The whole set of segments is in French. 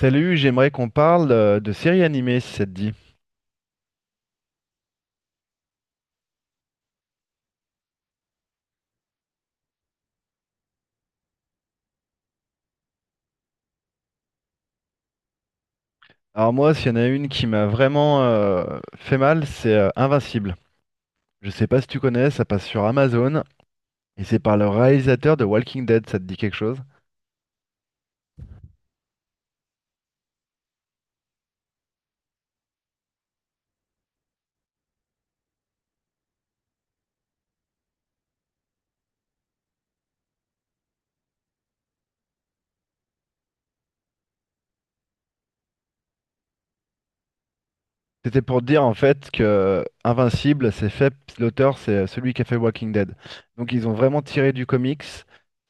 Salut, j'aimerais qu'on parle de séries animées si ça te dit. Alors moi, s'il y en a une qui m'a vraiment fait mal, c'est Invincible. Je sais pas si tu connais, ça passe sur Amazon et c'est par le réalisateur de Walking Dead, ça te dit quelque chose? C'était pour dire en fait que Invincible, c'est fait, l'auteur, c'est celui qui a fait Walking Dead. Donc ils ont vraiment tiré du comics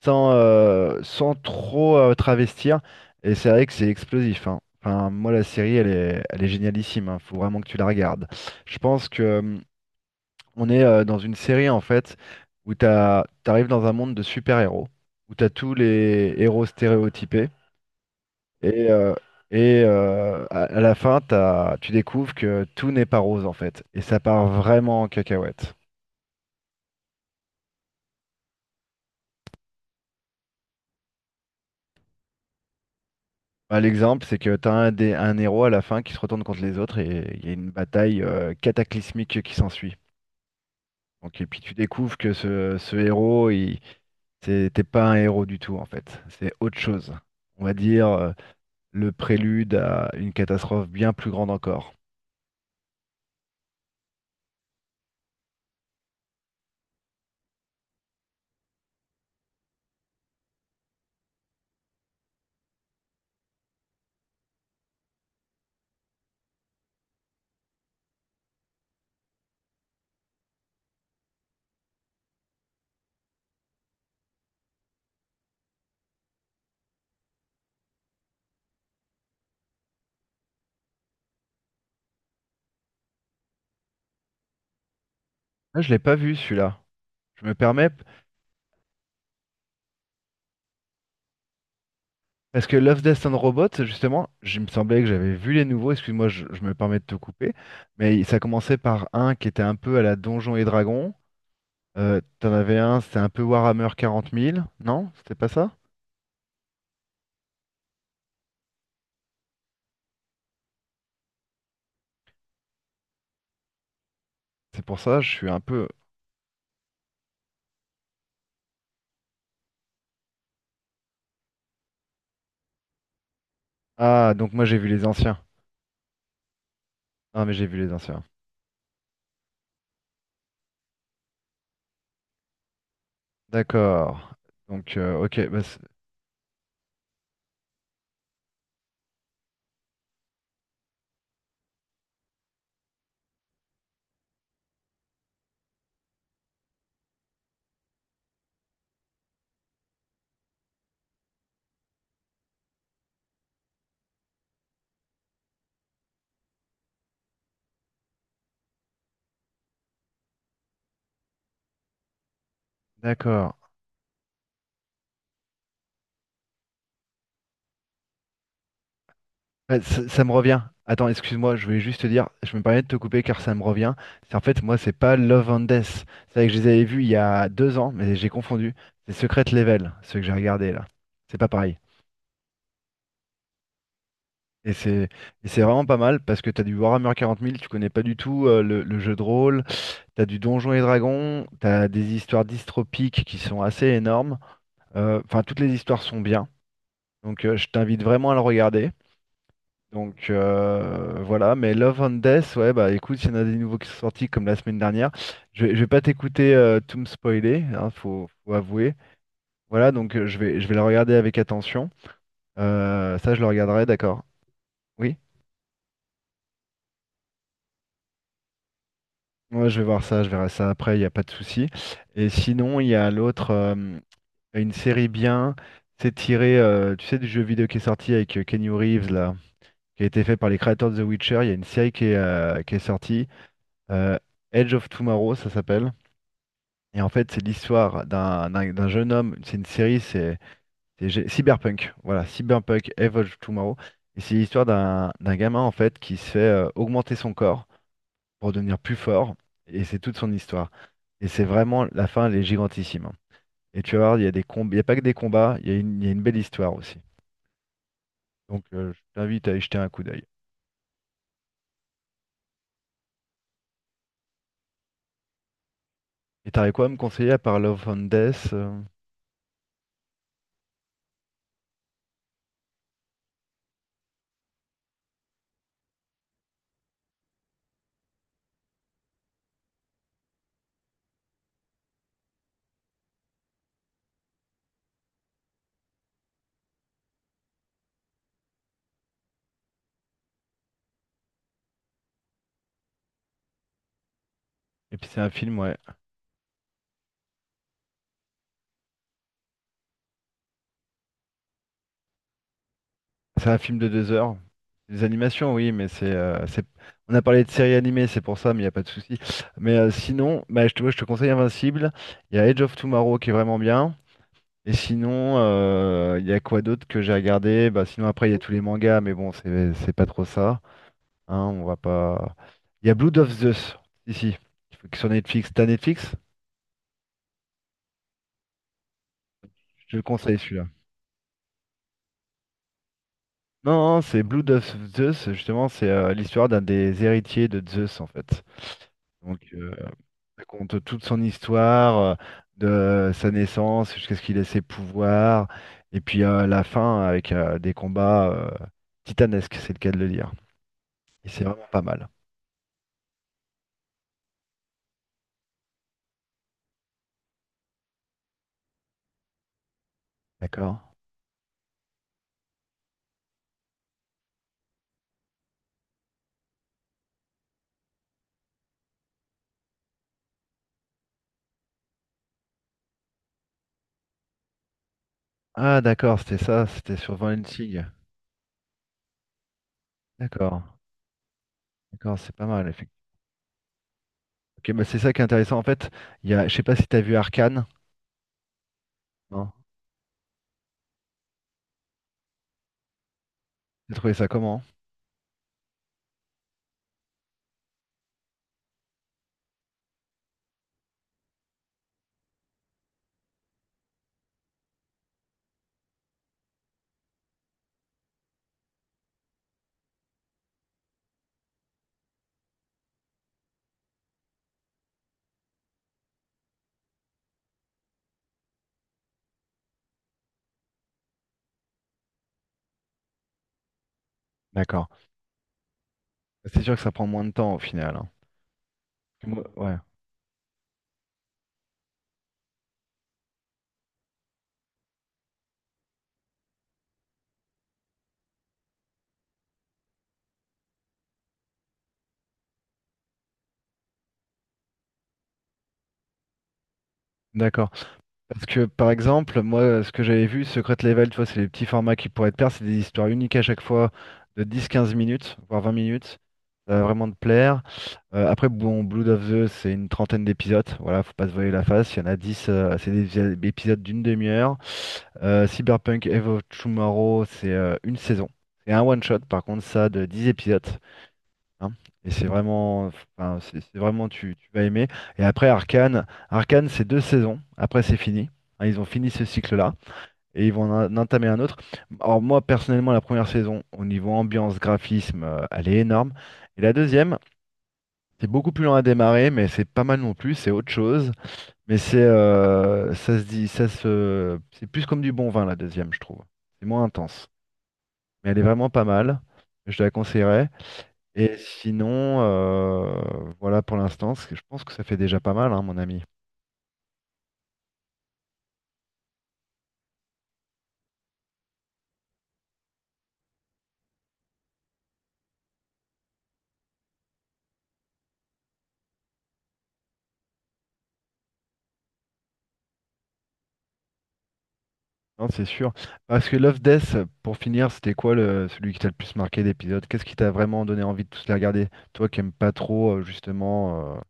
sans trop travestir. Et c'est vrai que c'est explosif, hein. Enfin, moi, la série, elle est génialissime, hein. Faut vraiment que tu la regardes. Je pense que on est dans une série en fait où t'as, t'arrives dans un monde de super-héros, où t'as tous les héros stéréotypés. Et, euh, et à la fin, tu découvres que tout n'est pas rose en fait. Et ça part vraiment en cacahuète. Bah, l'exemple, c'est que tu as un héros à la fin qui se retourne contre les autres, et il y a une bataille cataclysmique qui s'ensuit. Donc, et puis tu découvres que ce héros, il, c'était pas un héros du tout en fait. C'est autre chose. On va dire le prélude à une catastrophe bien plus grande encore. Ah, je l'ai pas vu celui-là. Je me permets, parce que Love, Death and Robots, justement, il me semblait que j'avais vu les nouveaux, excuse-moi, je me permets de te couper, mais ça commençait par un qui était un peu à la Donjons et Dragons. T'en avais un, c'était un peu Warhammer 40 000, non? C'était pas ça? C'est pour ça, je suis un peu... Ah, donc moi j'ai vu les anciens. Ah, mais j'ai vu les anciens. D'accord. Donc, ok, bah, c'est- d'accord. Ouais, ça me revient. Attends, excuse-moi, je voulais juste te dire, je me permets de te couper car ça me revient. C'est en fait, moi, c'est pas Love and Death. C'est vrai que je les avais vus il y a 2 ans, mais j'ai confondu. C'est Secret Level, ceux que j'ai regardé là. C'est pas pareil. Et c'est et c'est vraiment pas mal parce que t'as du Warhammer 40 000, tu connais pas du tout le jeu de rôle, t'as du Donjons et Dragons, t'as des histoires dystopiques qui sont assez énormes. Enfin, toutes les histoires sont bien. Donc, je t'invite vraiment à le regarder. Donc, voilà, mais Love and Death, ouais, bah écoute, il y en a des nouveaux qui sont sortis comme la semaine dernière. Je vais pas t'écouter tout me spoiler, hein, faut avouer. Voilà, donc je vais le regarder avec attention. Ça, je le regarderai, d'accord. Oui, moi je vais voir ça, je verrai ça après, il n'y a pas de souci. Et sinon, il y a l'autre, une série bien, c'est tiré, tu sais, du jeu vidéo qui est sorti avec Keanu Reeves, là, qui a été fait par les créateurs de The Witcher. Il y a une série qui est, qui est sortie, euh, Edge of Tomorrow, ça s'appelle. Et en fait, c'est l'histoire d'un jeune homme. C'est une série, Cyberpunk. Voilà, Cyberpunk Evolve Tomorrow. Et c'est l'histoire d'un gamin en fait qui se fait augmenter son corps pour devenir plus fort. Et c'est toute son histoire. Et c'est vraiment la fin, elle est gigantissime, hein. Et tu vas voir, il y a des combats, il y a pas que des combats, il y a une belle histoire aussi. Donc, je t'invite à y jeter un coup d'œil. Et t'aurais quoi à me conseiller à part Love and Death? Et puis c'est un film, ouais. C'est un film de 2 heures. Des animations, oui, mais c'est- On a parlé de séries animées, c'est pour ça, mais il n'y a pas de souci. Mais sinon, bah, je te, ouais, je te conseille Invincible. Il y a Edge of Tomorrow qui est vraiment bien. Et sinon, il y a quoi d'autre que j'ai regardé? Bah, sinon, après, il y a tous les mangas, mais bon, c'est pas trop ça. Hein, on va pas. Il y a Blood of Zeus, ici, sur Netflix. T'as Netflix? Je te le conseille celui-là. Non, non, c'est Blood of Zeus, justement, c'est l'histoire d'un des héritiers de Zeus, en fait. Donc, ça compte toute son histoire, de sa naissance jusqu'à ce qu'il ait ses pouvoirs, et puis la fin avec des combats titanesques, c'est le cas de le dire. Et c'est vraiment pas mal. D'accord? Ah, d'accord, c'était ça, c'était sur Sig. D'accord, d'accord, c'est pas mal, effectivement. Ok, bah c'est ça qui est intéressant. En fait, il y a, je sais pas si t'as vu Arcane, non? T'as trouvé ça comment? D'accord. C'est sûr que ça prend moins de temps au final, hein. Ouais. D'accord. Parce que par exemple, moi, ce que j'avais vu, Secret Level, tu vois, c'est les petits formats qui pourraient te plaire, c'est des histoires uniques à chaque fois de 10-15 minutes, voire 20 minutes. Ça va vraiment te plaire. Après, bon, Blood of the, c'est une trentaine d'épisodes. Voilà, faut pas se voiler la face. Il y en a 10, c'est des des épisodes d'une demi-heure. Cyberpunk Evo Tomorrow, c'est une saison. C'est un one-shot, par contre, ça, de 10 épisodes, hein. Et c'est vraiment, enfin, c'est vraiment, tu vas aimer. Et après, Arcane, c'est deux saisons. Après, c'est fini. Hein, ils ont fini ce cycle-là et ils vont en entamer un autre. Alors, moi, personnellement, la première saison, au niveau ambiance, graphisme, elle est énorme. Et la deuxième, c'est beaucoup plus lent à démarrer, mais c'est pas mal non plus. C'est autre chose. Mais c'est, ça se dit, ça se, c'est plus comme du bon vin, la deuxième, je trouve. C'est moins intense. Mais elle est vraiment pas mal. Je te la conseillerais. Et sinon, voilà pour l'instant, je pense que ça fait déjà pas mal, hein, mon ami. Non, c'est sûr. Parce que Love Death, pour finir, c'était quoi celui qui t'a le plus marqué d'épisode? Qu'est-ce qui t'a vraiment donné envie de tous les regarder? Toi qui aimes pas trop, justement.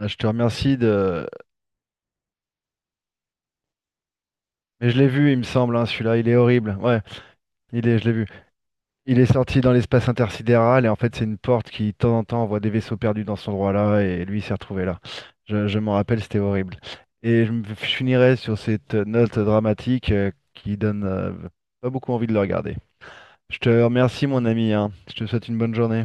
Ah, je te remercie de. Mais je l'ai vu, il me semble, hein, celui-là, il est horrible. Ouais, je l'ai vu. Il est sorti dans l'espace intersidéral et en fait c'est une porte qui de temps en temps envoie des vaisseaux perdus dans cet endroit-là et lui il s'est retrouvé là. Je m'en rappelle, c'était horrible. Et je finirai sur cette note dramatique qui donne pas beaucoup envie de le regarder. Je te remercie mon ami, hein. Je te souhaite une bonne journée.